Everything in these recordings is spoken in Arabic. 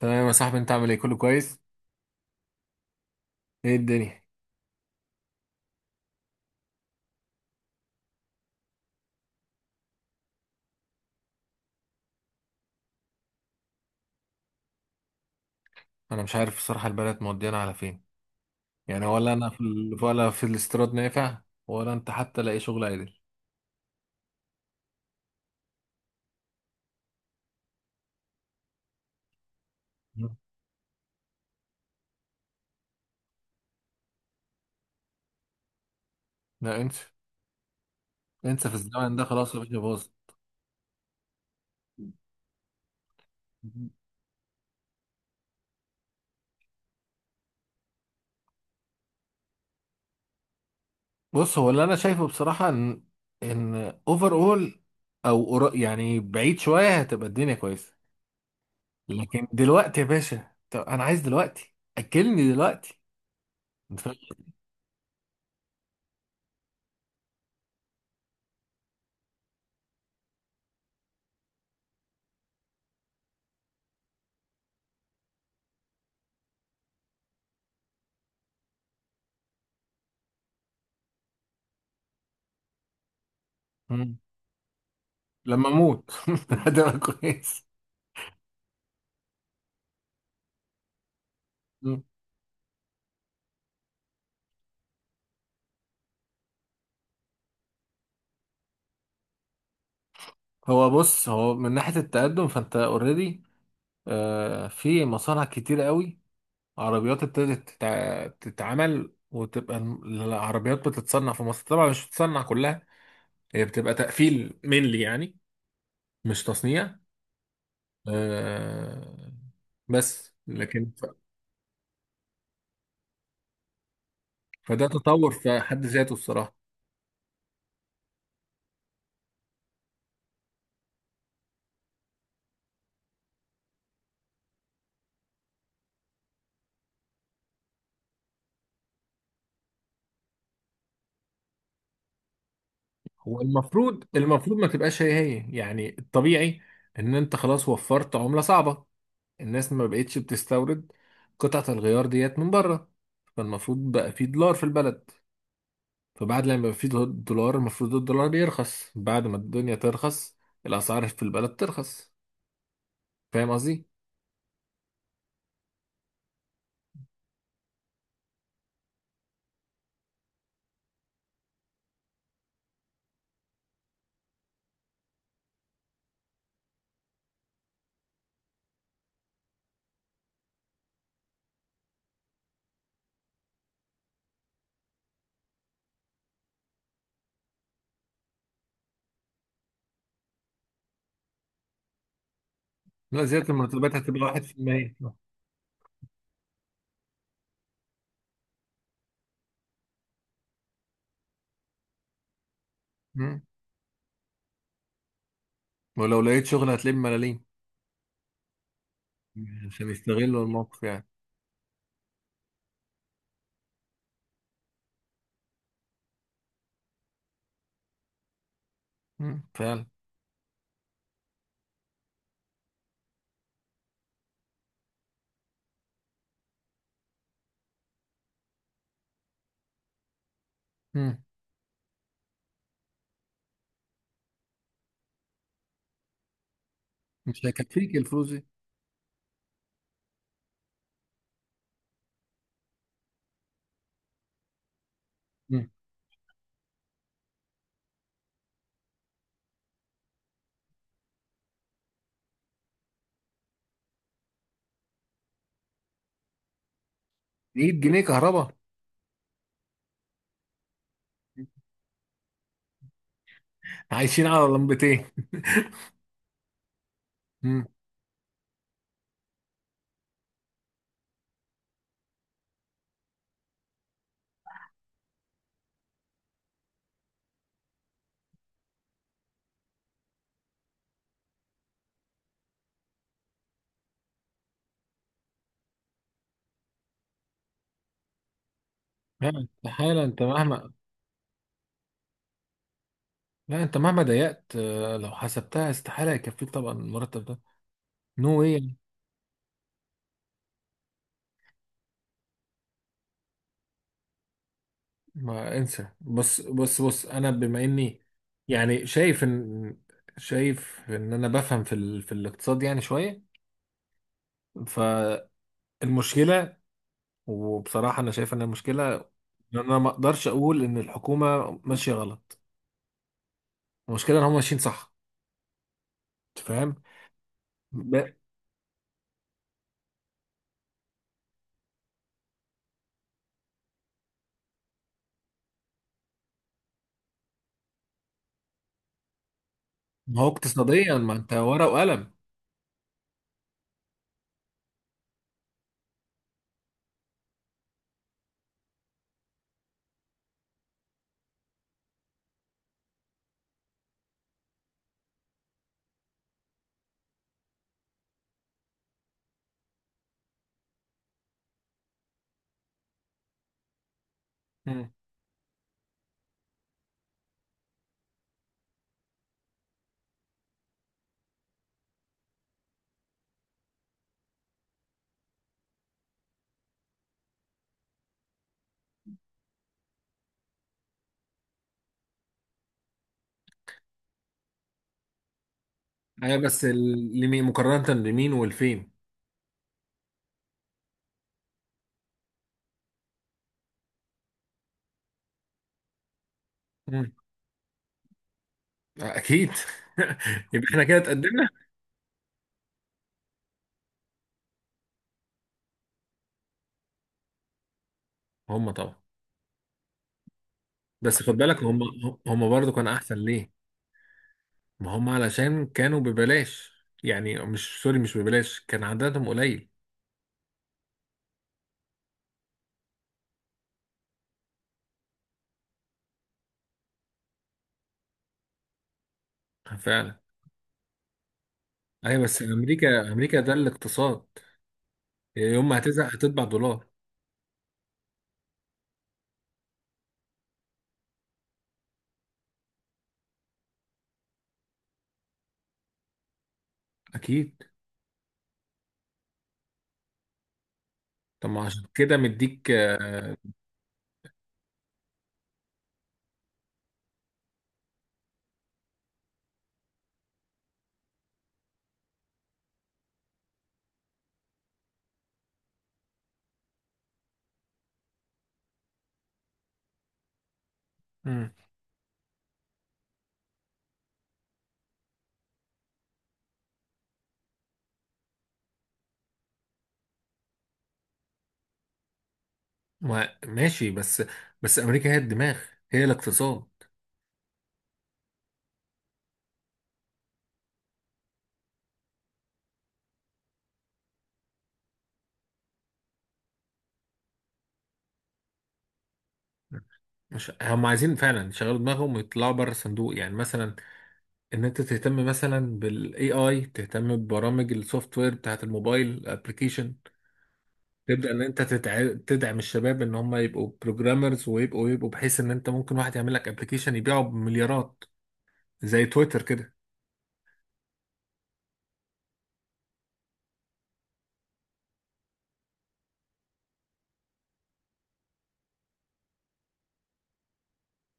تمام يا صاحبي، انت عامل ايه؟ كله كويس؟ ايه الدنيا؟ انا مش عارف الصراحه البلد مودينا على فين. يعني ولا انا ولا في الاستيراد نافع. ولا انت حتى لاقي شغل عادل؟ مم. لا انسى، انسى في الزمن ده، خلاص يا باشا باظ. بص، هو اللي انا شايفه بصراحه ان اوفر اول، يعني بعيد شويه هتبقى الدنيا كويسه. لكن دلوقتي يا باشا، طب انا عايز دلوقتي، اكلني دلوقتي. انت فاهم؟ مم. لما اموت هتبقى كويس. هو بص من ناحية التقدم، فانت اوريدي في مصانع كتير قوي. عربيات تتعمل، العربيات بتتصنع في مصر. طبعا مش بتتصنع كلها، هي بتبقى تقفيل مينلي يعني. مش تصنيع. آه، بس لكن فده تطور في حد ذاته الصراحة. هو المفروض ما تبقاش هي يعني الطبيعي. ان انت خلاص وفرت عملة صعبة، الناس ما بقتش بتستورد قطعة الغيار ديت من بره. فالمفروض بقى في دولار في البلد. فبعد لما يبقى في دولار المفروض الدولار يرخص، بعد ما الدنيا ترخص، الأسعار في البلد ترخص. فاهم قصدي؟ لا، زيادة المرتبات هتبقى واحد في المية. مم. ولو لقيت شغل هتلاقيه بملاليم، عشان يستغلوا الموقف يعني. مم. فعلا. مم. مش هيكفيك الفلوس دي. مم. 100 جنيه كهرباء. عايشين على لمبتين. مم. فعلا. استحالة انت مهما لا، انت مهما ضيقت، لو حسبتها، استحالة يكفيك طبعا المرتب ده. نو واي يعني. ما انسى، بص بص بص، انا بما اني يعني شايف ان، شايف انا بفهم في الاقتصاد يعني شوية. فالمشكلة، وبصراحة انا شايف ان المشكلة ان انا ما اقدرش اقول ان الحكومة ماشية غلط. المشكلة ان هم ماشيين صح. انت فاهم؟ ب... ما هو اقتصاديا، ما انت ورقة وقلم. مم. ايوه، بس لمين مقارنة بمين والفين؟ اكيد. يبقى احنا كده اتقدمنا. هم طبعا. بس خد بالك، هم برضو كان احسن ليه؟ ما هم علشان كانوا ببلاش. يعني مش ببلاش، كان عددهم قليل. فعلا. ايوه بس امريكا، امريكا ده الاقتصاد، يوم ما هتزهق هتطبع دولار. اكيد. طب ما عشان كده مديك. مم. ماشي. بس امريكا هي الدماغ، هي الاقتصاد. مش هم عايزين فعلا يشغلوا دماغهم ويطلعوا بره الصندوق؟ يعني مثلا ان انت تهتم مثلا بالاي اي، تهتم ببرامج السوفت وير بتاعت الموبايل الابلكيشن. تبدا ان انت تدعم الشباب ان هم يبقوا بروجرامرز، ويبقوا بحيث ان انت ممكن واحد يعمل لك ابلكيشن يبيعه بمليارات، زي تويتر كده.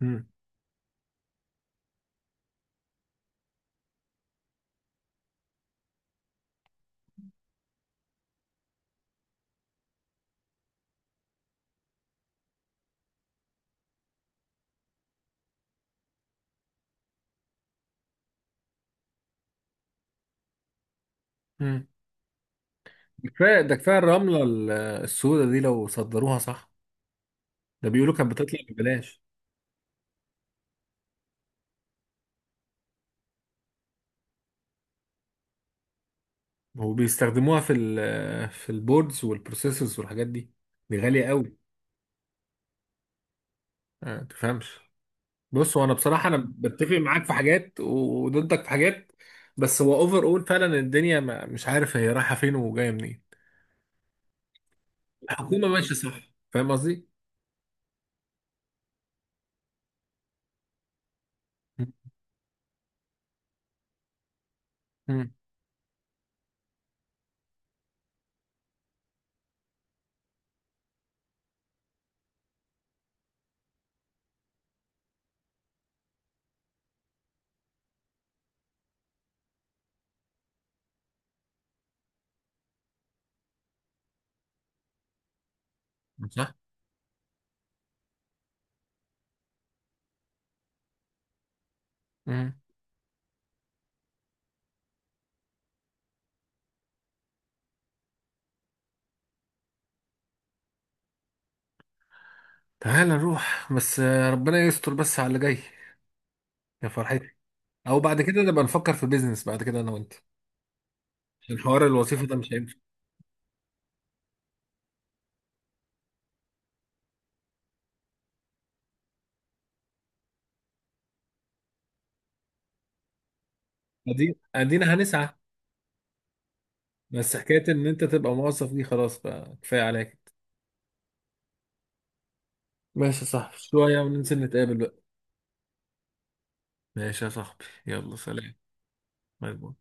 امم امم كفايه ده كفايه، الرمله السوداء دي لو صدروها صح، ده بيقولوا كانت بتطلع ببلاش. وبيستخدموها في البوردز والبروسيسورز والحاجات دي، دي غاليه قوي. ما تفهمش. بص، هو انا بصراحه انا بتفق معاك في حاجات وضدك في حاجات. بس هو اوفر اول فعلا الدنيا، ما مش عارف هي رايحه فين وجايه منين. الحكومه ماشيه صح. فاهم قصدي؟ مم. مم. صح. مم. تعال نروح، بس ربنا يستر بس على اللي جاي. يا فرحتي. او بعد كده نبقى نفكر في بيزنس بعد كده انا وانت، عشان حوار الوظيفه ده مش هينفع. ادينا ادينا هنسعى. بس حكايه ان انت تبقى موظف دي خلاص، بقى كفايه عليك. ماشي يا صاحبي، شويه وننزل نتقابل بقى. ماشي يا صاحبي، يلا سلام. باي باي.